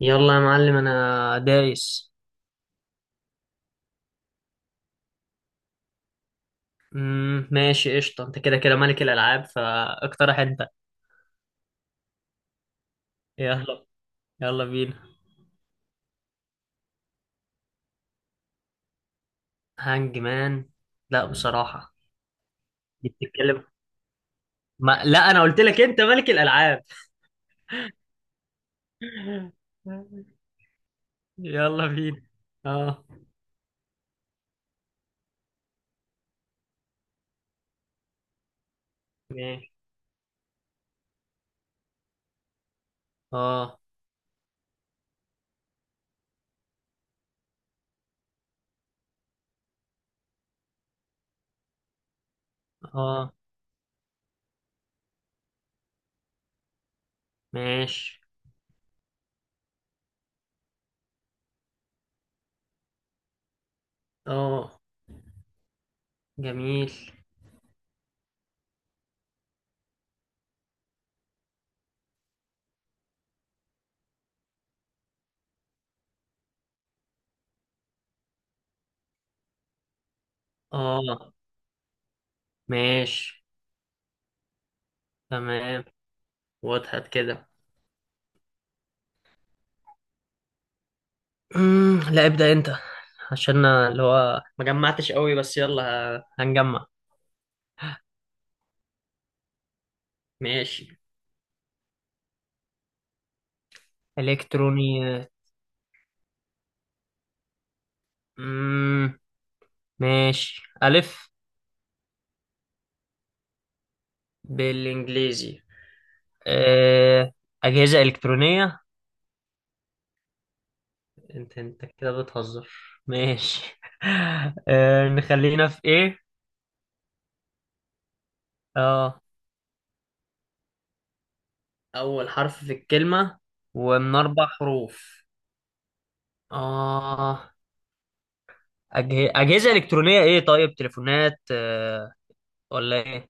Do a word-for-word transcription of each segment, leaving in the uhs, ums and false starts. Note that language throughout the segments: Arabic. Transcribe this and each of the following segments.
يلا يا معلم انا دايس. مم. ماشي قشطة، انت كده كده ملك الالعاب فاقترح انت. يلا. يلا بينا. هانج مان؟ لا بصراحة. دي بتتكلم. ما لا انا قلت لك انت ملك الالعاب. يلا بينا. اه ماشي. اه. اه ماشي. اه جميل. اه ماشي. تمام، وضحت كده. مم، لا ابدأ انت، عشان اللي هو ما جمعتش قوي، بس يلا. ه- هنجمع. ماشي. الكتروني. مم، ماشي. الف. بالانجليزي. أه... اجهزة الكترونية. انت انت كده بتهزر. ماشي. أه... نخلينا في ايه. اه اول حرف في الكلمة. ومن اربع حروف. اه. أجه... اجهزة الكترونية ايه؟ طيب تليفونات؟ أه... ولا ايه؟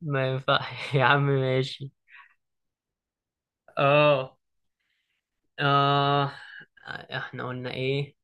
ما ينفع. يا عم ماشي. اه. اه احنا قلنا ايه؟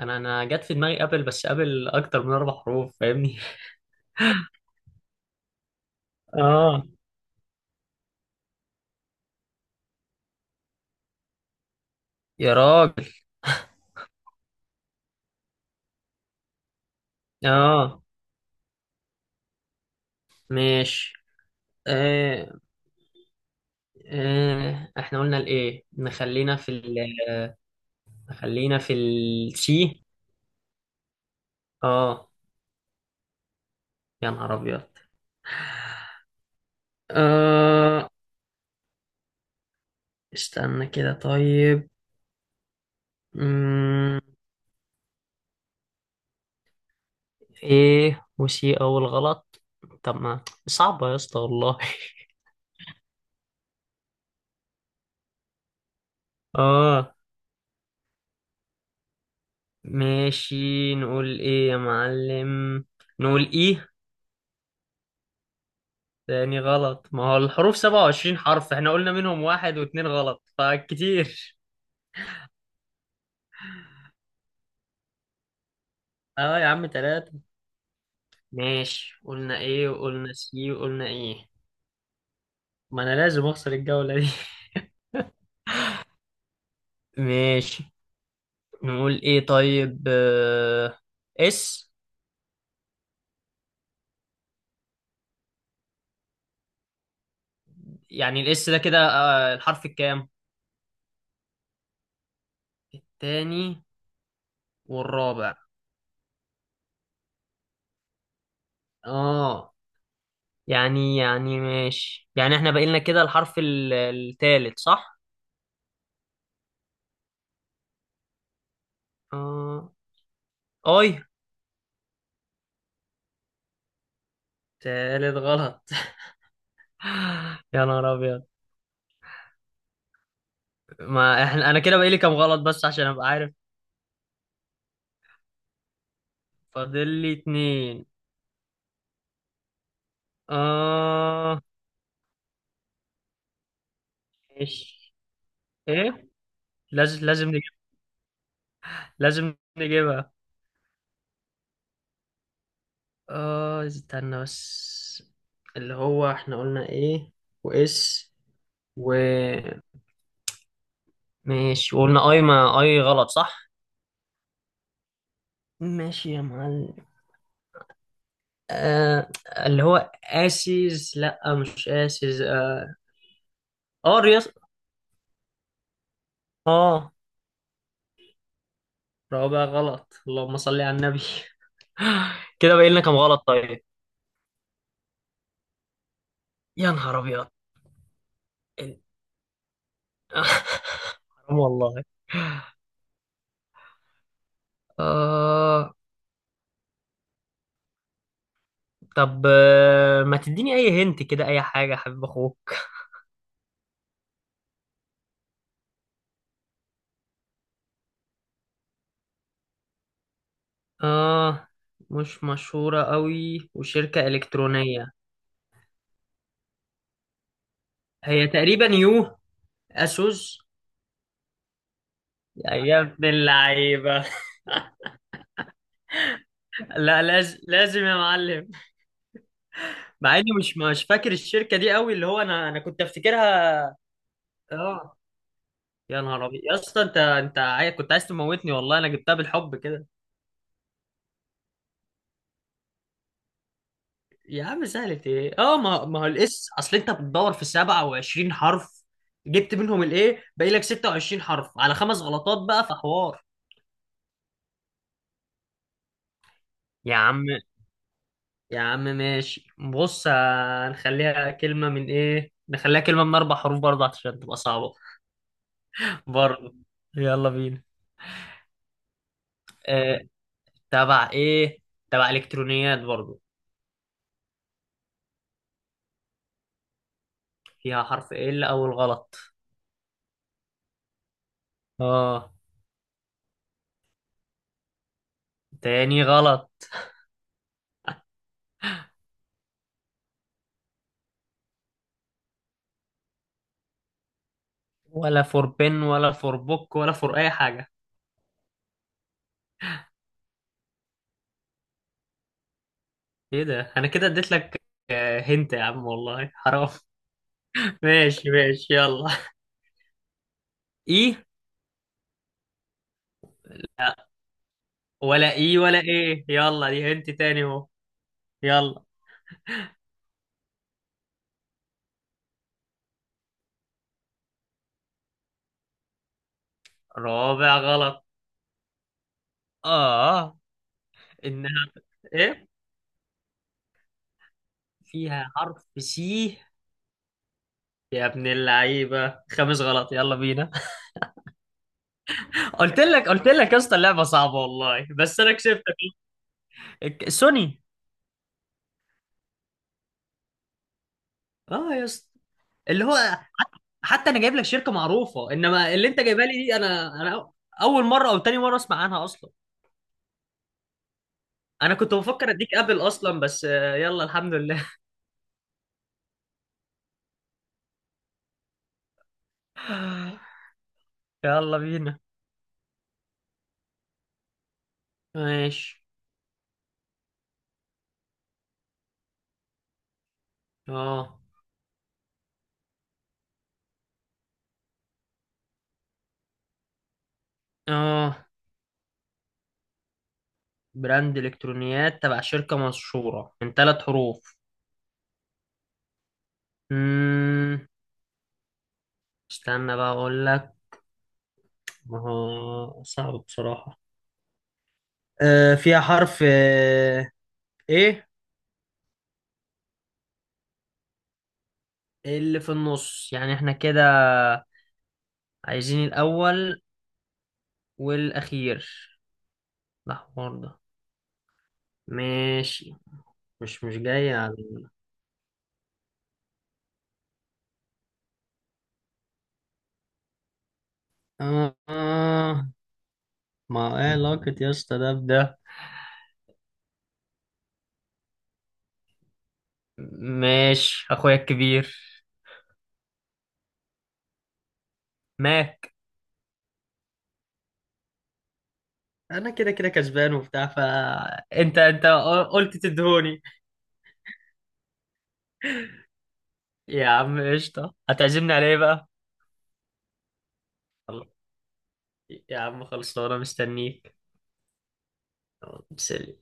انا انا جت في دماغي قبل، بس قبل اكتر من اربع حروف فاهمني. اه. يا راجل. اه ماشي. آه. آه احنا قلنا الايه، نخلينا في ال... نخلينا في السي. اه. يا نهار ابيض. آه استنى كده طيب. مم. ايه وسي اول غلط؟ طب ما صعبة يا اسطى والله. اه ماشي. نقول ايه يا معلم؟ نقول ايه؟ تاني غلط؟ ما هو الحروف سبعة وعشرين حرف، احنا قلنا منهم واحد واتنين غلط فكتير. اه يا عم تلاتة. ماشي، قلنا ايه وقلنا سي وقلنا ايه. ما انا لازم اخسر الجولة دي. ماشي. نقول ايه طيب؟ آه، اس. يعني الاس ده كده آه، الحرف الكام؟ التاني والرابع. اه. يعني يعني ماشي، يعني احنا بقينا كده الحرف ال- التالت صح؟ اه. اي. تالت غلط. يا نهار ابيض. ما احنا انا كده بقالي كام غلط، بس عشان ابقى عارف. فاضل لي اتنين. اه. ماشي. ايه. لازم لازم نجيب. لازم نجيبها. اه استنى بس. اللي هو احنا قلنا ايه. واس. و. ماشي، وقلنا اي. ما اي غلط صح. ماشي يا معلم. آه، اللي هو اسيز. لا مش اسيز. اه اريس. اه. رابع غلط، اللهم صل على النبي. كده باين لنا كام غلط طيب. يا نهار ابيض. ال- حرام والله. آه. طب آه، ما تديني اي، هنت كده اي حاجه يا حبيب اخوك. اه. مش مشهوره قوي، وشركه الكترونيه. هي تقريبا يو. اسوس. يا ابن اللعيبه. لا لازم لازم يا معلم. مع اني مش مش فاكر الشركه دي قوي، اللي هو انا انا كنت افتكرها. اه. يا نهار ابيض يا اسطى، انت انت عاي... كنت عايز تموتني والله، انا جبتها بالحب كده. يا عم سهلت ايه؟ اه ما ما هو الاس، اصل انت بتدور في سبعة وعشرين حرف. جبت منهم الايه، باقي لك ستة وعشرين حرف على خمس غلطات بقى في حوار. يا عم. يا عم ماشي، بص هنخليها كلمه من ايه، نخليها كلمه من اربع حروف برضه عشان تبقى صعبه. برضه. يلا بينا. آه، تبع ايه؟ تبع الكترونيات برضو. فيها حرف ال؟ اول غلط. اه. تاني غلط. ولا فور بن، ولا فور بوك، ولا فور اي حاجة. ايه ده، انا كده اديت لك. آه، هنت يا عم والله حرام. ماشي ماشي يلا. اي. ولا اي، ولا ايه. يلا دي هنت تاني اهو. يلا. رابع غلط. اه. انها ايه؟ فيها حرف سي؟ يا ابن اللعيبة، خامس غلط. يلا بينا. قلت لك قلت لك يا اسطى اللعبه صعبه والله، بس انا كسبتك. الك- سوني. اه يا اسطى. اللي هو حتى انا جايب لك شركه معروفه، انما اللي انت جايبها لي دي انا انا اول مره او تاني مره اسمع عنها اصلا. انا كنت بفكر اديك ابل اصلا، بس آه، يلا الحمد لله. يلا بينا. ماشي. اه. اه براند الكترونيات تبع شركه مشهوره من ثلاث حروف. امم استنى بقى اقول لك. ما هو صعب بصراحه. آه، فيها حرف آه، ايه؟ اللي في النص؟ يعني احنا كده عايزين الاول والاخير. الاحمر ده. ماشي. مش مش جاي على آه آه، ما ايه علاقة يا اسطى ده بده. ماشي اخويا الكبير. ماك. انا كده كده كسبان وبتاع فانت. انت انت قلت تدهوني. يا عم قشطة، هتعزمني على ايه بقى؟ خلاص. يا عم خلصانة، مستنيك. سلي.